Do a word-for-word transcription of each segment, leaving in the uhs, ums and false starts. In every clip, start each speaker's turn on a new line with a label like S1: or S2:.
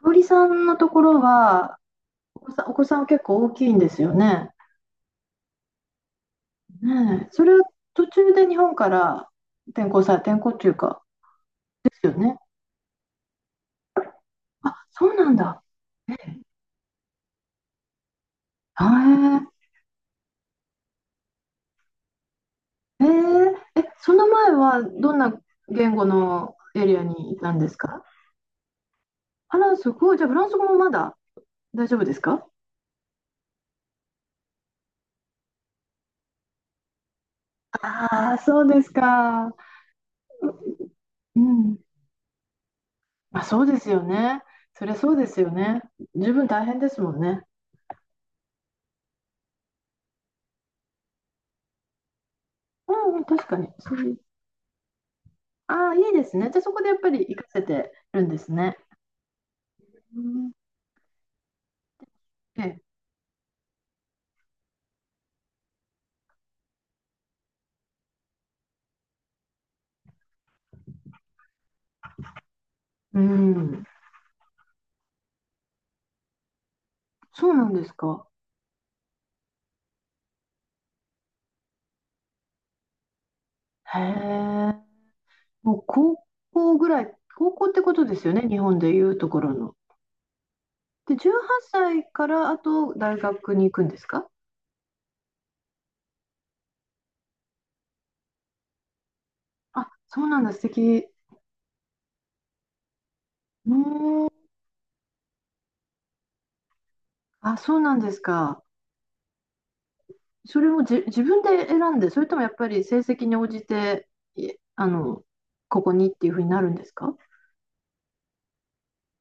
S1: 香織さんのところは、お子さん、お子さんは結構大きいんですよね。ねえ、それは途中で日本から転校され、転校っていうか、ですよね。あ、そうなんだ。はい。ええ、その前はどんな言語のエリアにいたんですか？あら、すごい。じゃあ、フランス語もまだ大丈夫ですか？ああ、そうですか。うん。まあ、そうですよね。そりゃそうですよね。十分大変ですもんね。うん、うん、確かに。そああ、いいですね。じゃあそこでやっぱり活かせてるんですね。うん、え、うん、そうなんですか。へえ。もう高校ぐらい、高校ってことですよね、日本でいうところの。で、じゅうはっさいからあと大学に行くんですか？あ、そうなんだ、素敵。うーん、あ、そうなんですか。それもじ、自分で選んで、それともやっぱり成績に応じて、いあの、ここにっていうふうになるんですか？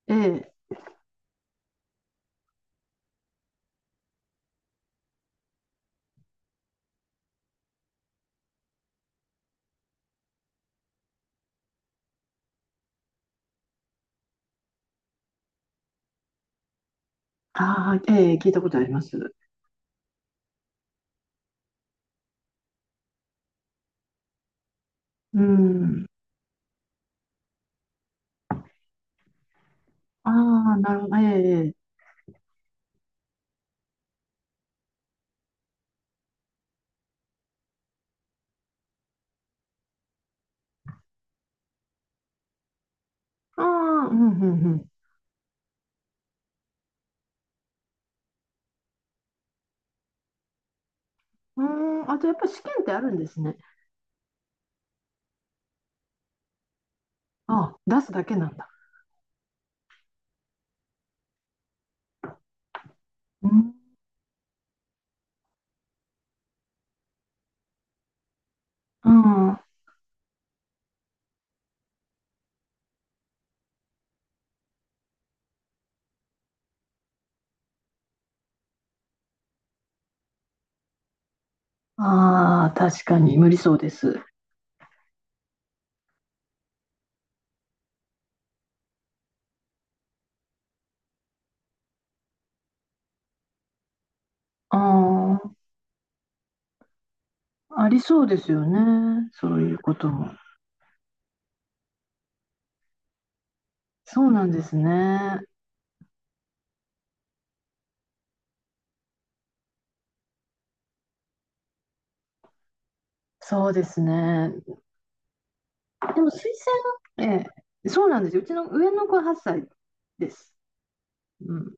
S1: ええ。ああ、ええ、聞いたことあります。うん。ああ、なるほど。ええ、ええ、ああ、うん、うん、うん。うーん、あとやっぱり試験ってあるんですね。あ、出すだけなんだ。うん。うん、ああ、確かに無理そうです。ああ、ありそうですよね、そういうことも。そうなんですね。そうですね。でも推薦、ええ、そうなんですよ。うちの上の子ははっさいです。うん。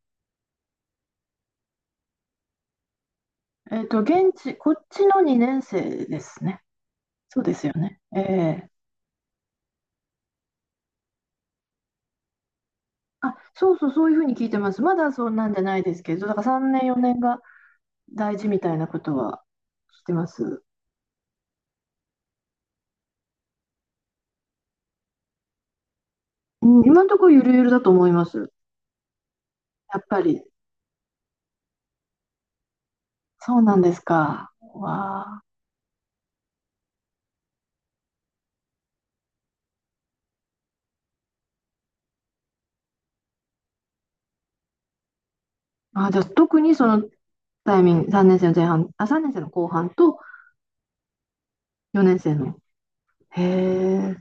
S1: えっと、現地、こっちのにねん生ですね。そうですよね。ええ。あ、そうそう、そういうふうに聞いてます。まだそうなんじゃないですけど、だからさんねん、よねんが大事みたいなことは聞いてます。うん、今のところゆるゆるだと思います。やっぱり。そうなんですか。わあ。あ、じゃあ特にそのタイミング、さんねん生の前半、あ、さんねん生の後半とよねん生の。へえ、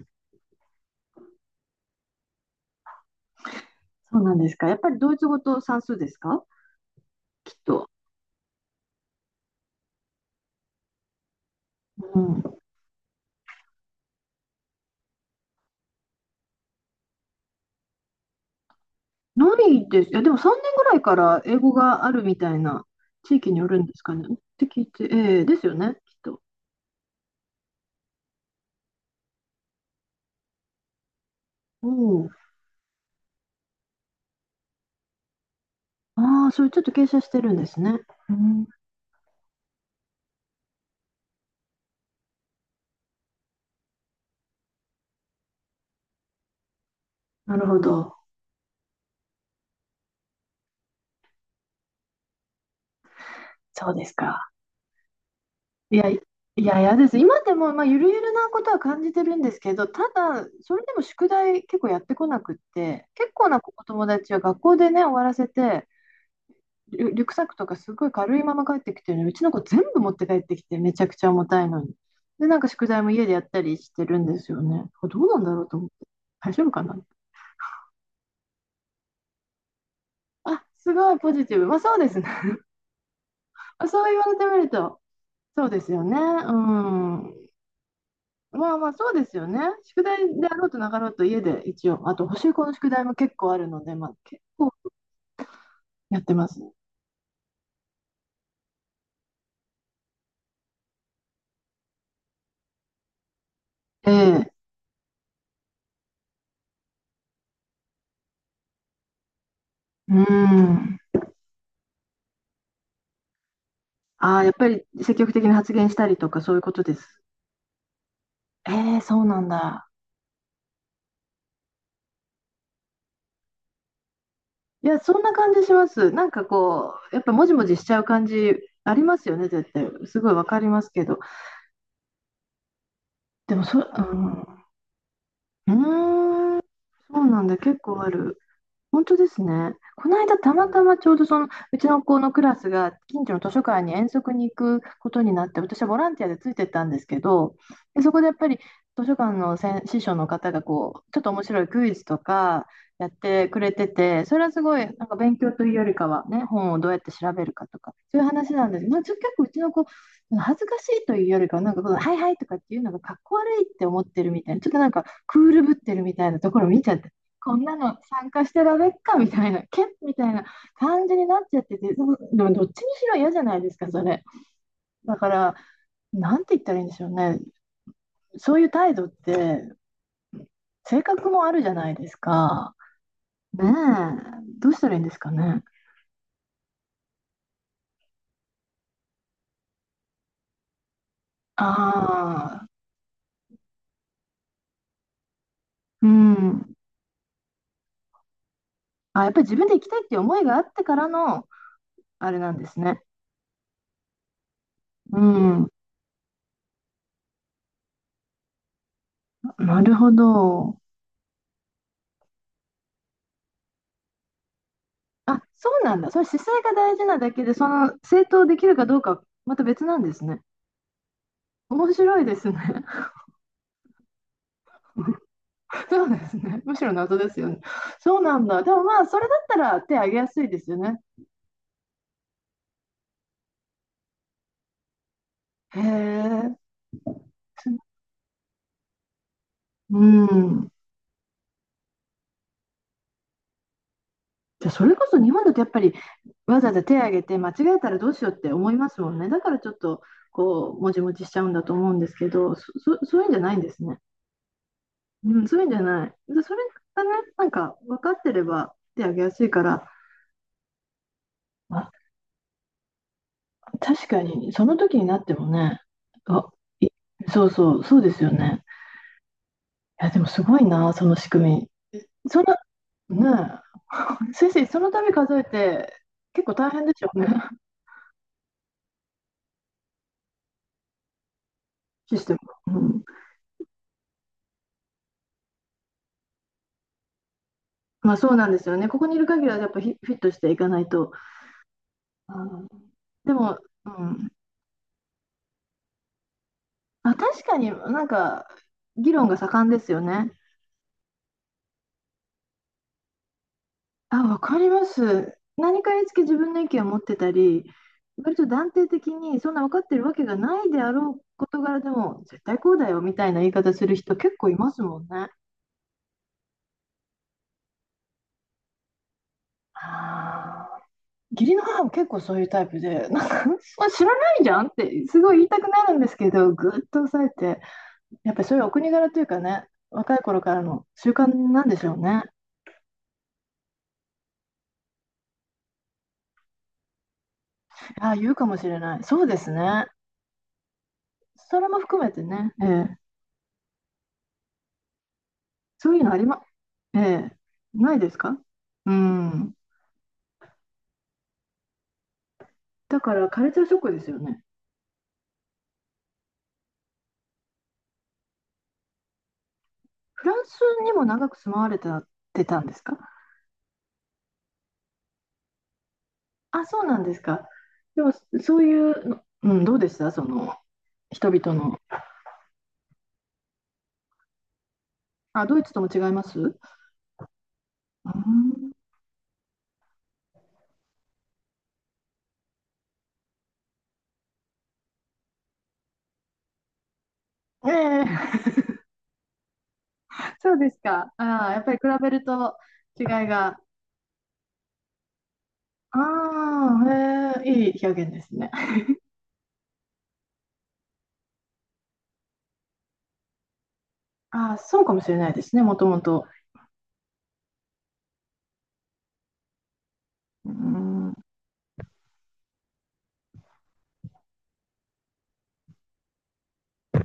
S1: そうなんですか。やっぱりドイツ語と算数ですか？きっと。うん。ないです。いや、でもさんねんぐらいから英語があるみたいな、地域によるんですかね、って聞いて、ええ、ですよね、きっと。おお。ああ、それちょっと傾斜してるんですね。うん、なるほど。そうですか。いや、いや、嫌です。今でも、まあ、ゆるゆるなことは感じてるんですけど、ただ、それでも宿題結構やってこなくって、結構なお友達は学校でね、終わらせて、リュ、リュックサックとかすごい軽いまま帰ってきてるのに、うちの子全部持って帰ってきて、めちゃくちゃ重たいのに。で、なんか宿題も家でやったりしてるんですよね。これどうなんだろうと思って。大丈夫かな？あ、すごいポジティブ。まあ、そうですね。そう言われてみると、そうですよね。うん。まあまあ、そうですよね。宿題であろうとなかろうと家で一応、あと、補習校の宿題も結構あるので、まあ、結構やってますね。ええ。うん。ああ、やっぱり積極的に発言したりとか、そういうことです。ええ、そうなんだ。いや、そんな感じします。なんかこう、やっぱもじもじしちゃう感じありますよね、絶対。すごいわかりますけど。でも、そ、うん、うーん、そうなんだ、結構ある。本当ですね。この間、たまたまちょうどそのうちの子のクラスが近所の図書館に遠足に行くことになって、私はボランティアでついてったんですけど、で、そこでやっぱり図書館の先師匠の方がこう、ちょっと面白いクイズとかやってくれてて、それはすごいなんか勉強というよりかは、ね、本をどうやって調べるかとか、そういう話なんです。まあ、ちょ結構うちの子、恥ずかしいというよりかは、なんかこう、はいはいとかっていうのがかっこ悪いって思ってるみたいな、ちょっとなんかクールぶってるみたいなところ見ちゃって、こんなの参加してられっかみたいな、けっみたいな感じになっちゃってて、でもでもどっちにしろ嫌じゃないですか、それ。だから、なんて言ったらいいんでしょうね。そういう態度って、性格もあるじゃないですか。ねえ、どうしたらいいんですかね。ああ、うん。あ、やっぱり自分で行きたいっていう思いがあってからの、あれなんですね。うん、なるほど。あ、そうなんだ。それ姿勢が大事なだけで、その、正当できるかどうかはまた別なんですね。面白いですね。そうですね。むしろ謎ですよね。そうなんだ。でもまあ、それだったら手挙げやすいですよね。へえ。うん。じゃあそれこそ日本だとやっぱりわざわざ手挙げて間違えたらどうしようって思いますもんね。だからちょっとこう、もちもちしちゃうんだと思うんですけど、そ、そ、そういうんじゃないんですね。うん、そういうんじゃない。で、それがね、なんか分かってれば手挙げやすいから、あ、確かにその時になってもね、あ、いそうそう、そうですよね。や、でもすごいな、その仕組み。そんな、ねえ、先生、その度数えて、結構大変でしょうね、システム。うん。まあ、そうなんですよね。ここにいる限りは、やっぱフィフィットしていかないと。うん、でも、うん。あ、確かになんか、議論が盛んですよね。あ、わかります。何かにつけ自分の意見を持ってたり、割と断定的に、そんな分かってるわけがないであろう事柄でも、絶対こうだよみたいな言い方する人結構いますもんね。ああ。義理の母も結構そういうタイプで、なんか、まあ知らないじゃんって、すごい言いたくなるんですけど、ぐっと抑えて、やっぱりそういうお国柄というかね、若い頃からの習慣なんでしょうね。ああ、言うかもしれない。そうですね。それも含めてね、ええ、そういうのありま、ええ、ないですか？うん。だから、カルチャーショックですよね。フランスにも長く住まわれてたってたんですか？あ、そうなんですか。でも、そういうの、うん、どうでしたその、人々の。あ、ドイツとも違います？うーん。ええ。 そうですか。ああ、やっぱり比べると違いが。ああ、ええ、いい表現ですね。ああ、そうかもしれないですね、もともと。うーん